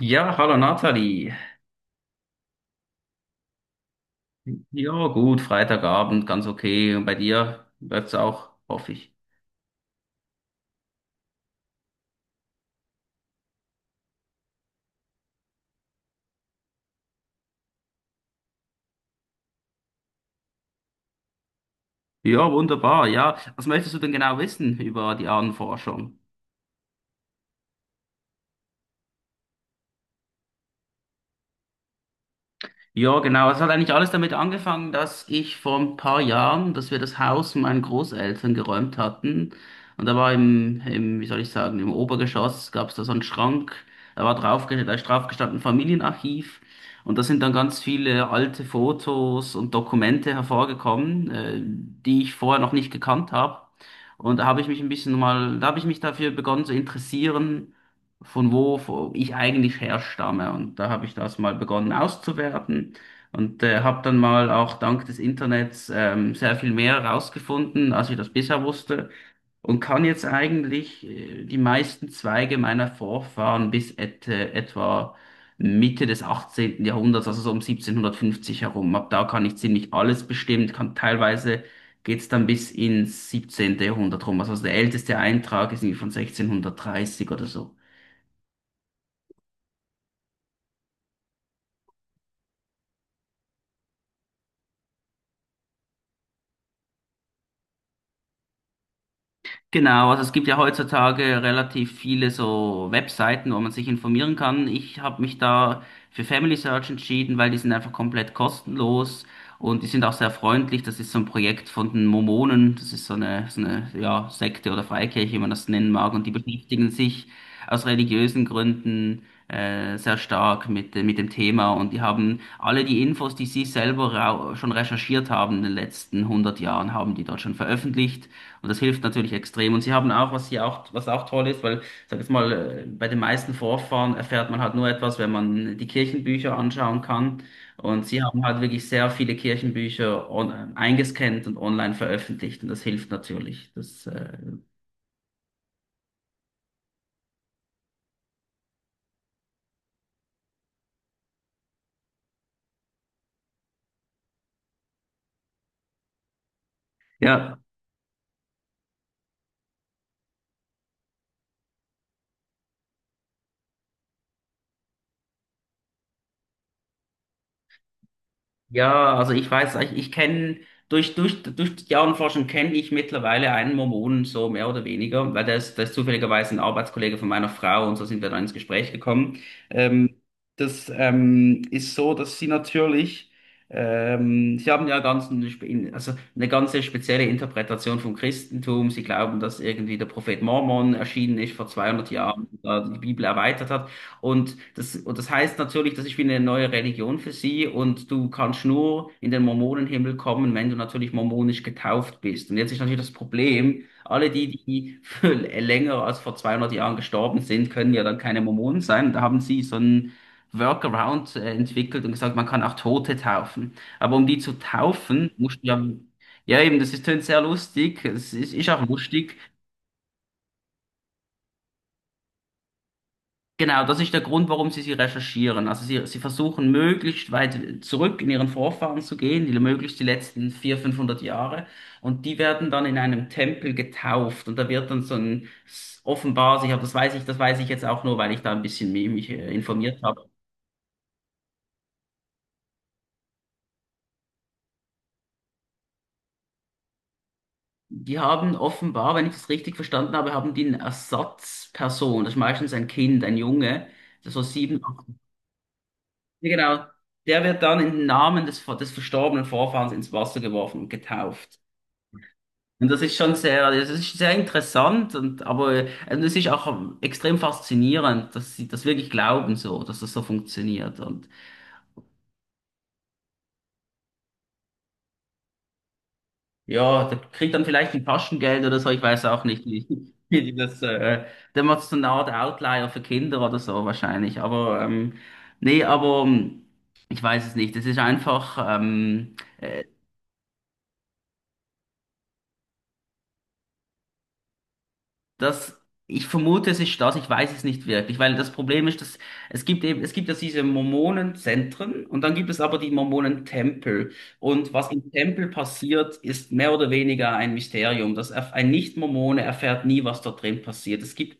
Ja, hallo Nathalie. Ja, gut, Freitagabend, ganz okay. Und bei dir läuft's auch, hoffe ich. Ja, wunderbar. Ja, was möchtest du denn genau wissen über die Ahnenforschung? Ja, genau. Es hat eigentlich alles damit angefangen, dass ich vor ein paar Jahren, dass wir das Haus meinen Großeltern geräumt hatten. Und da war wie soll ich sagen, im Obergeschoss gab es da so einen Schrank. Da ist drauf gestanden Familienarchiv. Und da sind dann ganz viele alte Fotos und Dokumente hervorgekommen, die ich vorher noch nicht gekannt habe. Da habe ich mich dafür begonnen zu interessieren, von wo ich eigentlich herstamme. Und da habe ich das mal begonnen auszuwerten und habe dann mal auch dank des Internets sehr viel mehr herausgefunden, als ich das bisher wusste. Und kann jetzt eigentlich die meisten Zweige meiner Vorfahren bis etwa Mitte des 18. Jahrhunderts, also so um 1750 herum. Ab da kann ich ziemlich alles bestimmen, kann teilweise geht's dann bis ins 17. Jahrhundert rum. Also der älteste Eintrag ist irgendwie von 1630 oder so. Genau, also es gibt ja heutzutage relativ viele so Webseiten, wo man sich informieren kann. Ich habe mich da für Family Search entschieden, weil die sind einfach komplett kostenlos und die sind auch sehr freundlich. Das ist so ein Projekt von den Mormonen. Das ist so eine, so eine, ja, Sekte oder Freikirche, wie man das nennen mag. Und die beschäftigen sich aus religiösen Gründen sehr stark mit dem Thema. Und die haben alle die Infos, die sie selber schon recherchiert haben in den letzten 100 Jahren, haben die dort schon veröffentlicht. Und das hilft natürlich extrem. Und sie haben auch, was was auch toll ist, weil, ich sag jetzt mal, bei den meisten Vorfahren erfährt man halt nur etwas, wenn man die Kirchenbücher anschauen kann. Und sie haben halt wirklich sehr viele Kirchenbücher eingescannt und online veröffentlicht. Und das hilft natürlich. Ja, Ja, also ich kenne durch die Jahrenforschung kenne ich mittlerweile einen Mormonen so mehr oder weniger, weil der ist zufälligerweise ein Arbeitskollege von meiner Frau und so sind wir dann ins Gespräch gekommen. Ähm, das ist so, dass sie natürlich, sie haben ja ganz, eine also eine ganze spezielle Interpretation vom Christentum. Sie glauben, dass irgendwie der Prophet Mormon erschienen ist vor 200, mhm, Jahren, da die Bibel erweitert hat. Und das heißt natürlich, das ist wie eine neue Religion für sie, und du kannst nur in den Mormonenhimmel kommen, wenn du natürlich mormonisch getauft bist. Und jetzt ist natürlich das Problem, die für länger als vor 200 Jahren gestorben sind, können ja dann keine Mormonen sein. Da haben sie so einen Workaround entwickelt und gesagt, man kann auch Tote taufen. Aber um die zu taufen, musst du ja, ja eben, das ist tönt sehr lustig, ist auch lustig. Genau, das ist der Grund, warum sie recherchieren. Also sie versuchen möglichst weit zurück in ihren Vorfahren zu gehen, möglichst die letzten 400, 500 Jahre. Und die werden dann in einem Tempel getauft. Und da wird dann so ein, offenbar, ich habe, das weiß ich jetzt auch nur, weil ich da ein bisschen mi- mich informiert habe. Die haben offenbar, wenn ich das richtig verstanden habe, haben die eine Ersatzperson. Das ist meistens ein Kind, ein Junge, das so sieben, acht. Ja, genau. Der wird dann im Namen des verstorbenen Vorfahrens ins Wasser geworfen und getauft. Und das ist schon sehr, das ist sehr interessant, und aber und es ist auch extrem faszinierend, dass sie das wirklich glauben so, dass das so funktioniert. Und ja, da kriegt dann vielleicht ein Taschengeld oder so, ich weiß auch nicht, wie, wie die das der macht so eine Art Outlier für Kinder oder so wahrscheinlich. Aber nee, aber ich weiß es nicht. Es ist einfach äh, Das, ich vermute, es ist das, ich weiß es nicht wirklich, weil das Problem ist, dass es gibt ja diese Mormonenzentren und dann gibt es aber die Mormonentempel. Und was im Tempel passiert, ist mehr oder weniger ein Mysterium. Das ein Nicht-Mormone erfährt nie, was dort drin passiert. Es gibt.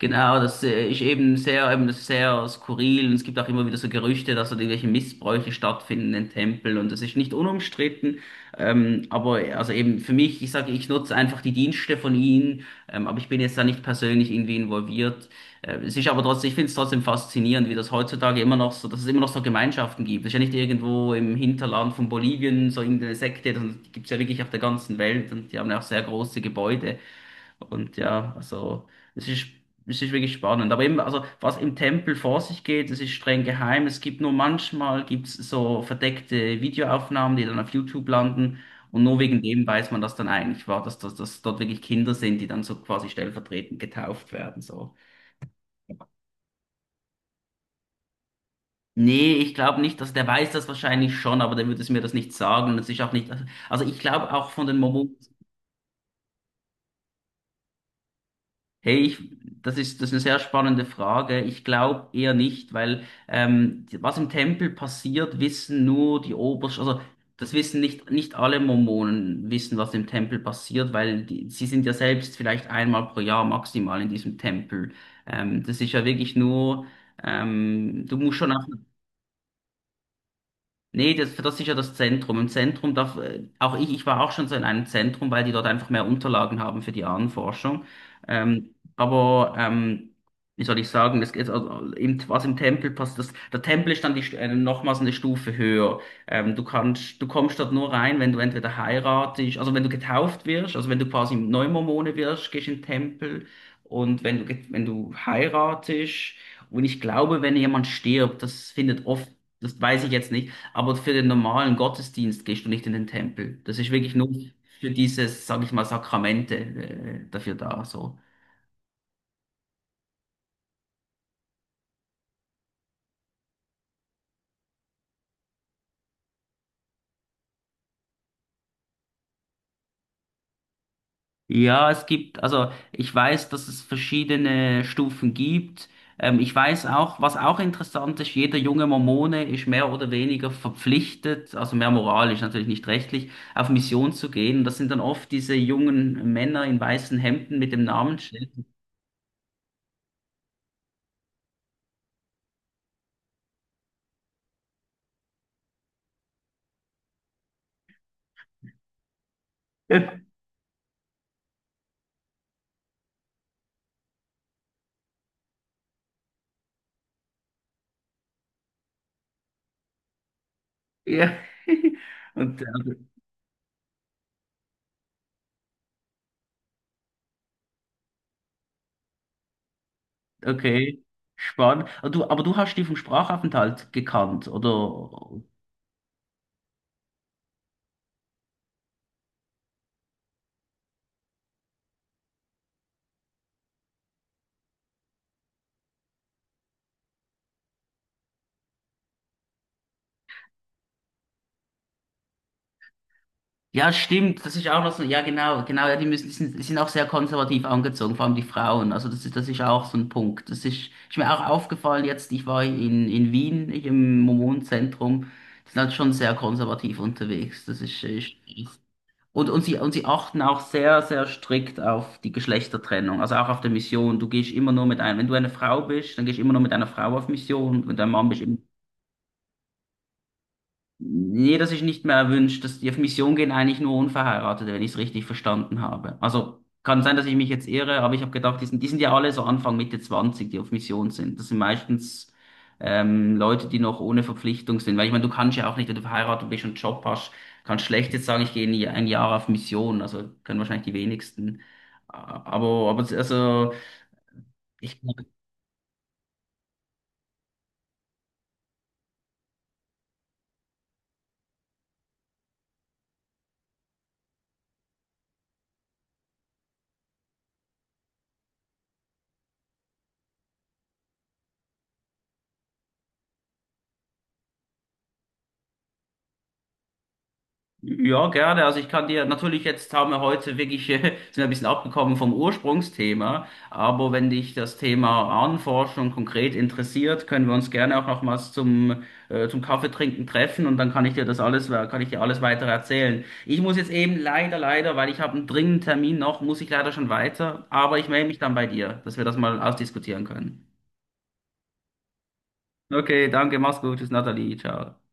Genau, das ist eben das ist sehr skurril. Und es gibt auch immer wieder so Gerüchte, dass dort irgendwelche Missbräuche stattfinden in Tempeln und das ist nicht unumstritten. Aber also eben für mich, ich sage, ich nutze einfach die Dienste von ihnen, aber ich bin jetzt da nicht persönlich irgendwie involviert. Es ist aber trotzdem, ich finde es trotzdem faszinierend, wie das heutzutage immer noch so, dass es immer noch so Gemeinschaften gibt. Das ist ja nicht irgendwo im Hinterland von Bolivien so irgendeine Sekte, sondern die gibt es ja wirklich auf der ganzen Welt und die haben ja auch sehr große Gebäude. Und ja, also es ist, es ist wirklich spannend. Aber eben, also was im Tempel vor sich geht, es ist streng geheim. Es gibt nur manchmal gibt's so verdeckte Videoaufnahmen, die dann auf YouTube landen. Und nur wegen dem weiß man, dass dann eigentlich war, dass, dass, dass dort wirklich Kinder sind, die dann so quasi stellvertretend getauft werden. So. Nee, ich glaube nicht, dass der weiß, das wahrscheinlich schon, aber der würde es mir das nicht sagen. Das ist auch nicht, also ich glaube auch von den Mormonen. Hey, das ist eine sehr spannende Frage. Ich glaube eher nicht, weil was im Tempel passiert, wissen nur die Obersten, also das wissen nicht, nicht alle Mormonen wissen, was im Tempel passiert, weil sie sind ja selbst vielleicht einmal pro Jahr maximal in diesem Tempel. Das ist ja wirklich nur, du musst schon auch. Nee, das ist ja das Zentrum. Im Zentrum darf, auch ich war auch schon so in einem Zentrum, weil die dort einfach mehr Unterlagen haben für die Ahnenforschung. Ähm, aber, ähm, wie soll ich sagen, also, was im Tempel passt, der Tempel ist dann die, nochmals eine Stufe höher. Du kannst, du kommst dort nur rein, wenn du entweder heiratest, also wenn du getauft wirst, also wenn du quasi Neumormone wirst, gehst in den Tempel. Und wenn du, wenn du heiratest, und ich glaube, wenn jemand stirbt, das findet oft, das weiß ich jetzt nicht, aber für den normalen Gottesdienst gehst du nicht in den Tempel. Das ist wirklich nur für dieses, sage ich mal, Sakramente, dafür da. So. Ja, es gibt, also ich weiß, dass es verschiedene Stufen gibt. Ich weiß auch, was auch interessant ist, jeder junge Mormone ist mehr oder weniger verpflichtet, also mehr moralisch, natürlich nicht rechtlich, auf Mission zu gehen. Das sind dann oft diese jungen Männer in weißen Hemden mit dem Namensschild. Ja. Und äh, Okay, spannend. Aber du hast die vom Sprachaufenthalt gekannt, oder? Ja, stimmt, das ist auch noch so, ja genau, genau, ja, die sind auch sehr konservativ angezogen, vor allem die Frauen, also das ist auch so ein Punkt. Ist mir auch aufgefallen jetzt, ich war in Wien, ich im Mormonenzentrum, die sind halt schon sehr konservativ unterwegs, das ist, ist Und sie achten auch sehr, sehr strikt auf die Geschlechtertrennung, also auch auf der Mission. Du gehst immer nur mit einem, wenn du eine Frau bist, dann gehst du immer nur mit einer Frau auf Mission. Wenn du ein Mann bist. Nee, das ist nicht mehr erwünscht. Die auf Mission gehen eigentlich nur Unverheiratete, wenn ich es richtig verstanden habe. Also kann sein, dass ich mich jetzt irre, aber ich habe gedacht, die sind ja alle so Anfang Mitte 20, die auf Mission sind. Das sind meistens Leute, die noch ohne Verpflichtung sind. Weil ich meine, du kannst ja auch nicht, wenn du verheiratet bist und einen Job hast, kannst schlecht jetzt sagen, ich gehe ein Jahr, ein Jahr auf Mission. Also können wahrscheinlich die wenigsten. Aber also ich. Ja, gerne. Also ich kann dir natürlich jetzt, haben wir heute wirklich sind wir ein bisschen abgekommen vom Ursprungsthema, aber wenn dich das Thema Ahnenforschung konkret interessiert, können wir uns gerne auch nochmals zum zum Kaffeetrinken treffen und dann kann ich dir alles weiter erzählen. Ich muss jetzt eben leider, weil ich habe einen dringenden Termin noch, muss ich leider schon weiter, aber ich melde mich dann bei dir, dass wir das mal ausdiskutieren können. Okay, danke, mach's gut, tschüss, Nathalie, ciao.